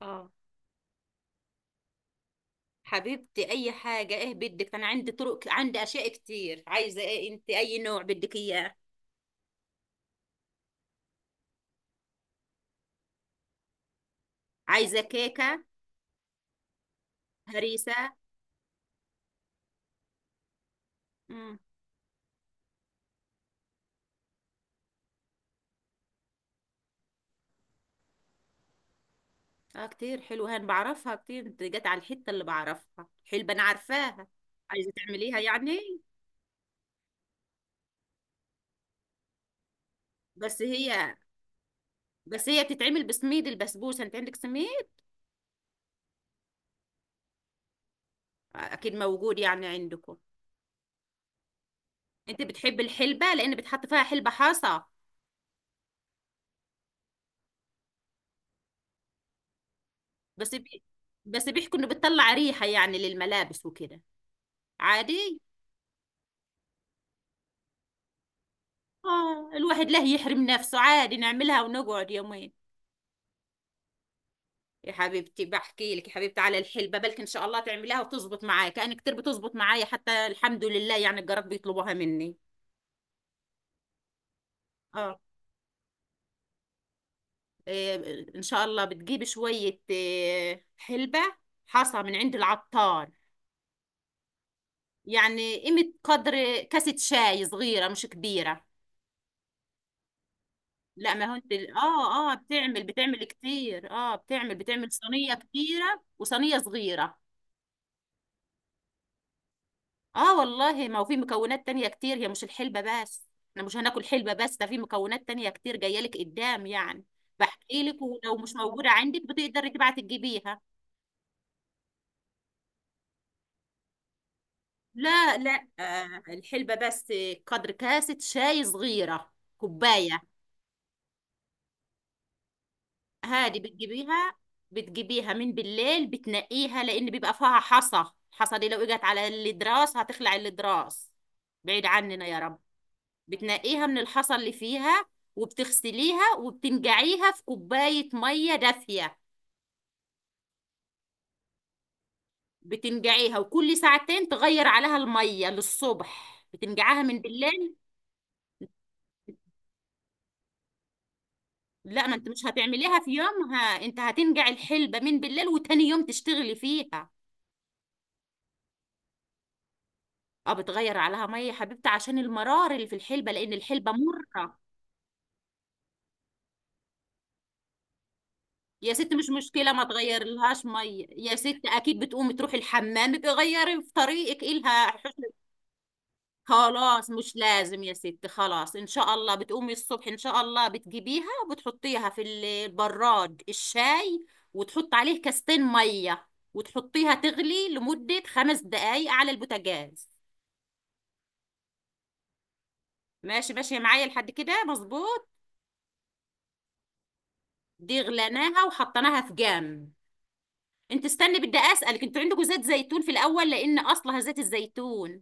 اه، حبيبتي اي حاجه، ايه بدك؟ انا عندي طرق، عندي اشياء كتير. عايزه ايه انت؟ اي نوع بدك اياه؟ عايزه كيكه؟ هريسه؟ امم اه كتير حلوه، انا بعرفها كتير. انت جت على الحته اللي بعرفها، حلبه، انا عارفاها. عايزه تعمليها يعني؟ بس هي بس هي بتتعمل بسميد البسبوسه. انت عندك سميد؟ اكيد موجود يعني عندكم. انت بتحب الحلبه لان بتحط فيها حلبه حاصه. بس بي... بس بيحكوا انه بتطلع ريحه يعني للملابس وكده. عادي، اه، الواحد له يحرم نفسه؟ عادي، نعملها ونقعد يومين. يا حبيبتي بحكي لك، يا حبيبتي على الحلبة، بلكي ان شاء الله تعمليها وتزبط معايا كأن كتير بتزبط معايا، حتى الحمد لله، يعني الجارات بيطلبوها مني. اه، إيه ان شاء الله بتجيبي شوية إيه، حلبة حصى من عند العطار. يعني قيمة قدر كاسة شاي صغيرة، مش كبيرة. لا ما هو انت، اه اه، بتعمل بتعمل كتير، اه بتعمل بتعمل صينية كبيرة وصينية صغيرة. اه والله، ما هو في مكونات تانية كتير، هي مش الحلبة بس. احنا مش هناكل حلبة بس، ده في مكونات تانية كتير جاية لك قدام يعني. بحكي لك، ولو مش موجودة عندك بتقدري تبعتي تجيبيها. لا لا، آه، الحلبة بس. قدر كاسة شاي صغيرة، كوباية. هادي بتجيبيها، بتجيبيها من بالليل، بتنقيها لأن بيبقى فيها حصى. الحصى دي لو اجت على الإضراس هتخلع الإضراس، بعيد عننا يا رب. بتنقيها من الحصى اللي فيها، وبتغسليها وبتنقعيها في كوباية مية دافية. بتنقعيها وكل ساعتين تغير عليها المية للصبح، بتنقعها من بالليل. لا، ما انت مش هتعمليها في يومها، انت هتنقع الحلبة من بالليل وتاني يوم تشتغلي فيها. اه، بتغير عليها مية يا حبيبتي عشان المرار اللي في الحلبة، لان الحلبة مرة. يا ست مش مشكلة، ما تغير لهاش مية يا ست، اكيد بتقومي تروحي الحمام بيغيري في طريقك إيه لها. خلاص مش لازم يا ستي، خلاص ان شاء الله بتقومي الصبح، ان شاء الله بتجيبيها وبتحطيها في البراد الشاي، وتحط عليه كاستين ميه، وتحطيها تغلي لمدة 5 دقايق على البوتاجاز. ماشي ماشي معايا لحد كده مظبوط. دي غليناها وحطيناها في جنب. انت استني، بدي اسالك، انتوا عندكم زيت زيتون في الاول؟ لان اصلها زيت الزيتون.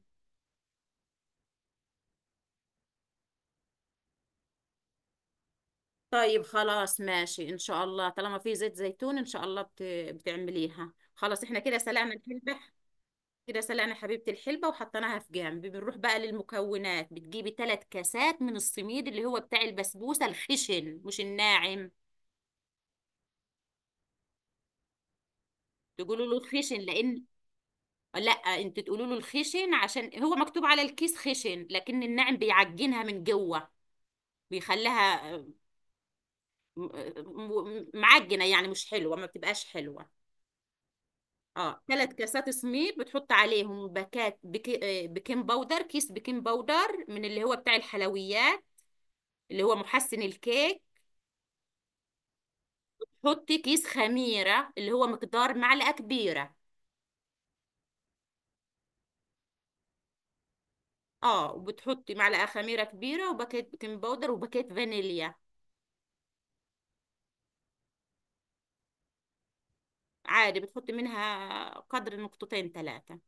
طيب خلاص ماشي، ان شاء الله طالما في زيت زيتون، ان شاء الله بتعمليها. خلاص احنا كده سلقنا الكلبة. كده سلقنا حبيبة الحلبة وحطيناها في جنب، بنروح بقى للمكونات. بتجيبي 3 كاسات من السميد اللي هو بتاع البسبوسة، الخشن مش الناعم. تقولوا له الخشن لأن، لا، انت تقولوا له الخشن عشان هو مكتوب على الكيس خشن، لكن الناعم بيعجنها من جوه، بيخليها م- معجنة يعني، مش حلوة، ما بتبقاش حلوة. اه، 3 كاسات سميد، بتحط عليهم باكات بكي... آه، بيكنج باودر، كيس بيكنج باودر من اللي هو بتاع الحلويات، اللي هو محسن الكيك. تحطي كيس خميرة اللي هو مقدار معلقة كبيرة. اه، وبتحطي معلقة خميرة كبيرة وباكيت بيكنج باودر وباكيت فانيليا. عادي بتحطي منها قدر نقطتين ثلاثة.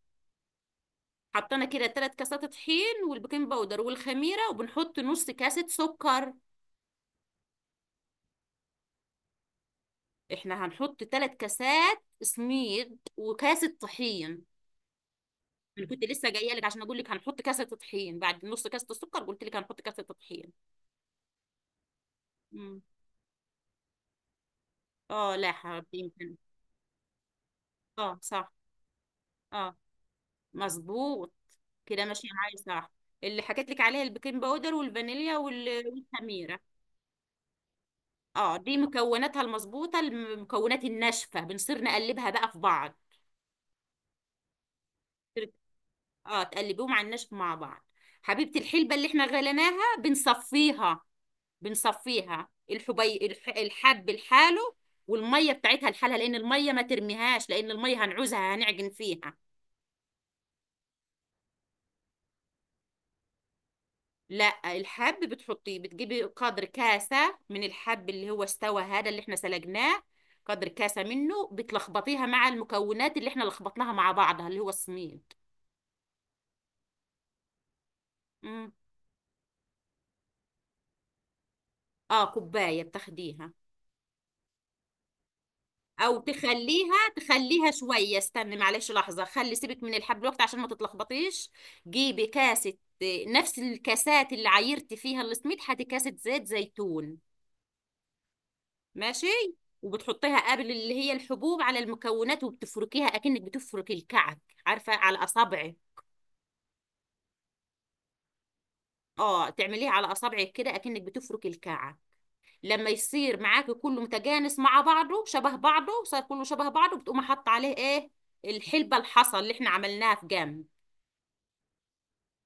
حطينا كده 3 كاسات طحين والبيكنج باودر والخميرة، وبنحط نص كاسة سكر. احنا هنحط 3 كاسات سميد وكاسة طحين. انا كنت لسه جايه لك عشان اقول لك هنحط كاسه طحين، بعد نص كاسه السكر قلت لك هنحط كاسه طحين. مم. اه لا حبيبي. اه صح. اه. مظبوط. كده ماشية معايا صح؟ اللي حكيت لك عليها البيكنج باودر والفانيليا والخميرة. اه دي مكوناتها المظبوطة، المكونات الناشفة بنصير نقلبها بقى في بعض. اه، تقلبيهم على الناشف مع بعض. حبيبة الحلبة اللي احنا غليناها بنصفيها، بنصفيها الحبي الحب لحاله، والمية بتاعتها لحالها، لأن المية ما ترميهاش، لأن المية هنعوزها، هنعجن فيها. لا، الحب بتحطيه، بتجيبي قدر كاسة من الحب اللي هو استوى، هذا اللي احنا سلقناه، قدر كاسة منه بتلخبطيها مع المكونات اللي احنا لخبطناها مع بعضها، اللي هو السميد. مم. اه، كوباية بتاخديها. او تخليها، تخليها شوية، استني معلش لحظة، خلي سيبك من الحب الوقت عشان ما تتلخبطيش. جيبي كاسة، نفس الكاسات اللي عايرتي فيها السميد، هاتي كاسة زيت زيتون. ماشي. وبتحطيها قبل اللي هي الحبوب على المكونات، وبتفركيها اكنك بتفرك الكعك، عارفه، على اصابعك. اه، تعمليها على اصابعك كده اكنك بتفرك الكعك. لما يصير معاكي كله متجانس مع بعضه، شبه بعضه، صار كله شبه بعضه، بتقومي حاطه عليه ايه؟ الحلبه الحصى اللي احنا عملناها في جنب.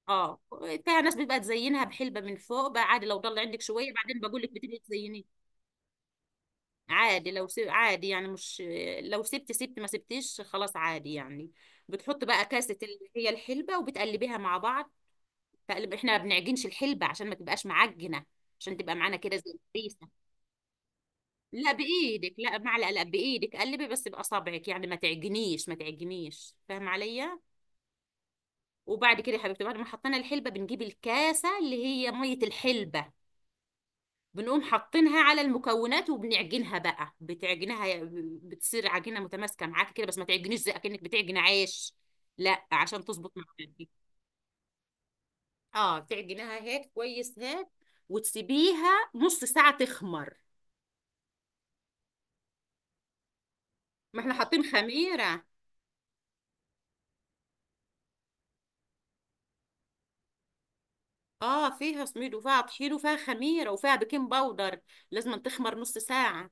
اه، فيها ناس بيبقى تزينها بحلبه من فوق، بقى عادي، لو ضل عندك شويه بعدين بقول لك بتبقي تزينيها. عادي لو سيب، عادي يعني، مش، لو سبت سبت، ما سبتش خلاص، عادي يعني. بتحط بقى كاسة اللي هي الحلبة وبتقلبيها مع بعض. تقلب، احنا ما بنعجنش الحلبة عشان ما تبقاش معجنة، عشان تبقى معانا كده زي الفريسة. لا بإيدك، لا معلقة، لا بإيدك، قلبي بس بأصابعك يعني ما تعجنيش، ما تعجنيش، فاهم عليا؟ وبعد كده يا حبيبتي، بعد ما حطينا الحلبة بنجيب الكاسة اللي هي مية الحلبة، بنقوم حاطينها على المكونات وبنعجنها بقى، بتعجنها، بتصير عجينه متماسكه معاك كده، بس ما تعجنيش زي اكنك بتعجن عيش، لا، عشان تظبط معاكي. اه، بتعجنها هيك كويس، هيك. وتسيبيها نص ساعه تخمر. ما احنا حاطين خميره. اه، فيها سميد وفيها طحين وفيها خميره وفيها بيكنج باودر، لازم تخمر نص ساعه.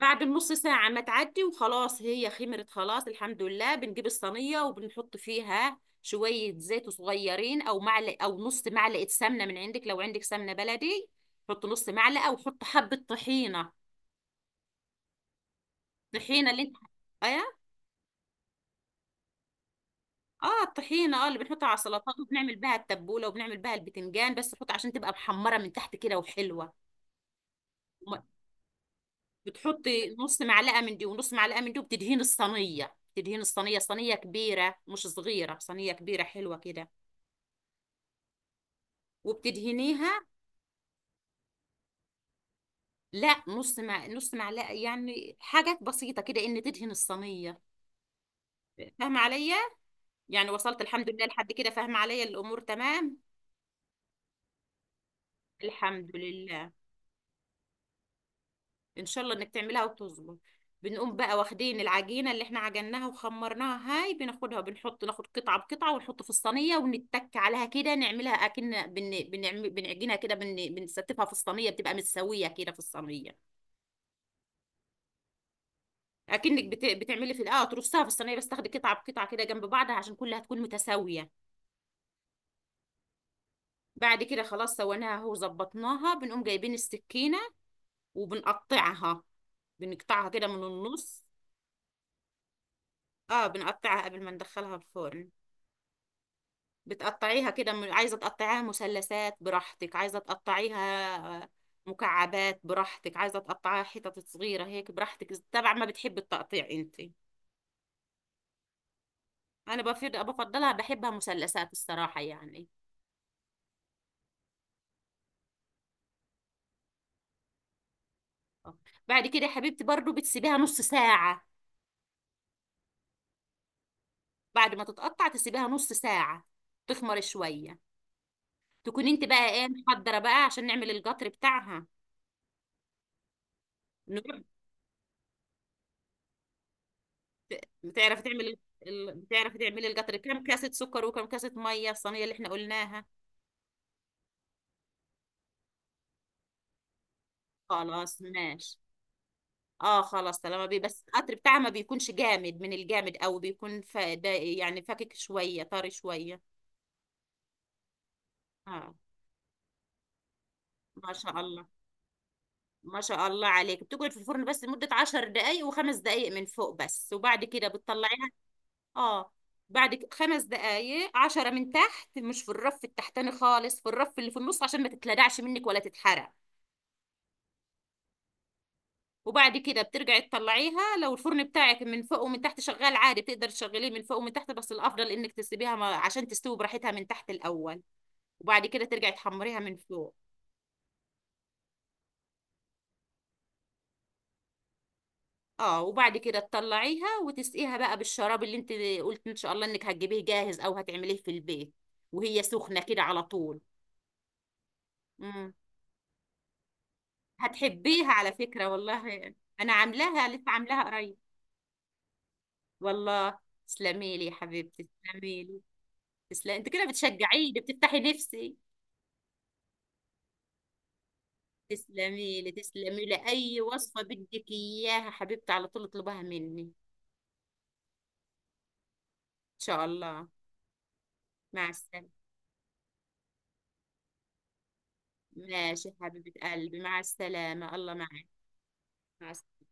بعد النص ساعة ما تعدي وخلاص هي خمرت، خلاص الحمد لله، بنجيب الصينية وبنحط فيها شوية زيت صغيرين، أو معلق، أو نص معلقة سمنة من عندك لو عندك سمنة بلدي. حط نص معلقة، وحط حبة طحينة. طحينة اللي انت، ايه؟ اه، الطحينة، اه، اللي بنحطها على السلطات وبنعمل بها التبولة وبنعمل بها البتنجان، بس نحط عشان تبقى محمرة من تحت كده وحلوة. وما- بتحطي نص معلقة من دي ونص معلقة من دي وبتدهين الصينية، تدهين الصينية، صينية كبيرة مش صغيرة، صينية كبيرة حلوة كده. وبتدهنيها. لا، نص، مع نص معلقه يعني، حاجات بسيطه كده ان تدهن الصينيه. فاهمه عليا؟ يعني وصلت الحمد لله لحد كده، فاهمه عليا الامور تمام؟ الحمد لله، ان شاء الله انك تعملها وتظبط. بنقوم بقى واخدين العجينه اللي احنا عجناها وخمرناها، هاي بناخدها وبنحط، ناخد قطعه بقطعه ونحط في الصينيه ونتك عليها كده، نعملها اكن بنعمل بنعجنها كده، بنستفها في الصينيه، بتبقى متساويه كده في الصينيه. اكنك بتعملي في، اه، ترصها في الصينيه، بس تاخدي قطعه بقطعه كده جنب بعضها عشان كلها تكون متساويه. بعد كده خلاص سويناها اهو، ظبطناها، بنقوم جايبين السكينه، وبنقطعها، بنقطعها كده من النص. اه، بنقطعها قبل ما ندخلها الفرن. بتقطعيها كده من، عايزه تقطعيها مثلثات براحتك، عايزه تقطعيها، آه، مكعبات براحتك، عايزه تقطعيها حتت صغيره هيك براحتك، طبعا ما بتحبي التقطيع انت. انا بفضل، بفضلها، بحبها مثلثات الصراحه يعني. آه. بعد كده يا حبيبتي برضو بتسيبيها نص ساعة. بعد ما تتقطع تسيبيها نص ساعة، تخمر شوية. تكون انت بقى ايه، محضرة بقى عشان نعمل القطر بتاعها. نروح، بتعرفي تعملي، بتعرفي تعملي القطر؟ كام كاسة سكر وكام كاسة مية الصينية اللي احنا قلناها. خلاص ماشي. اه خلاص، طالما بي، بس القطر بتاعها ما بيكونش جامد من الجامد، او بيكون ده يعني فاكك شوية، طري شوية. اه، ما شاء الله، ما شاء الله عليك، بتقعد في الفرن بس لمدة 10 دقايق، وخمس دقايق من فوق بس، وبعد كده بتطلعيها. اه، بعد خمس دقايق، 10 من تحت، مش في الرف التحتاني خالص، في الرف اللي في النص عشان ما تتلدعش منك ولا تتحرق. وبعد كده بترجعي تطلعيها، لو الفرن بتاعك من فوق ومن تحت شغال عادي بتقدر تشغليه من فوق ومن تحت، بس الافضل انك تسيبيها عشان تستوي براحتها من تحت الاول، وبعد كده ترجعي تحمريها من فوق. اه، وبعد كده تطلعيها وتسقيها بقى بالشراب اللي انت قلت ان شاء الله انك هتجيبيه جاهز او هتعمليه في البيت، وهي سخنه كده على طول. امم، هتحبيها على فكره والله، انا عاملاها لسه، عاملاها قريب. والله، تسلمي لي يا حبيبتي، تسلمي لي. تسلمي، انت كده بتشجعيني، بتفتحي نفسي. تسلمي لي، تسلمي لي، اي وصفه بدك اياها حبيبتي على طول اطلبها مني ان شاء الله. مع السلامه. ماشي حبيبه قلبي، مع السلامه، الله معك. مع السلامه.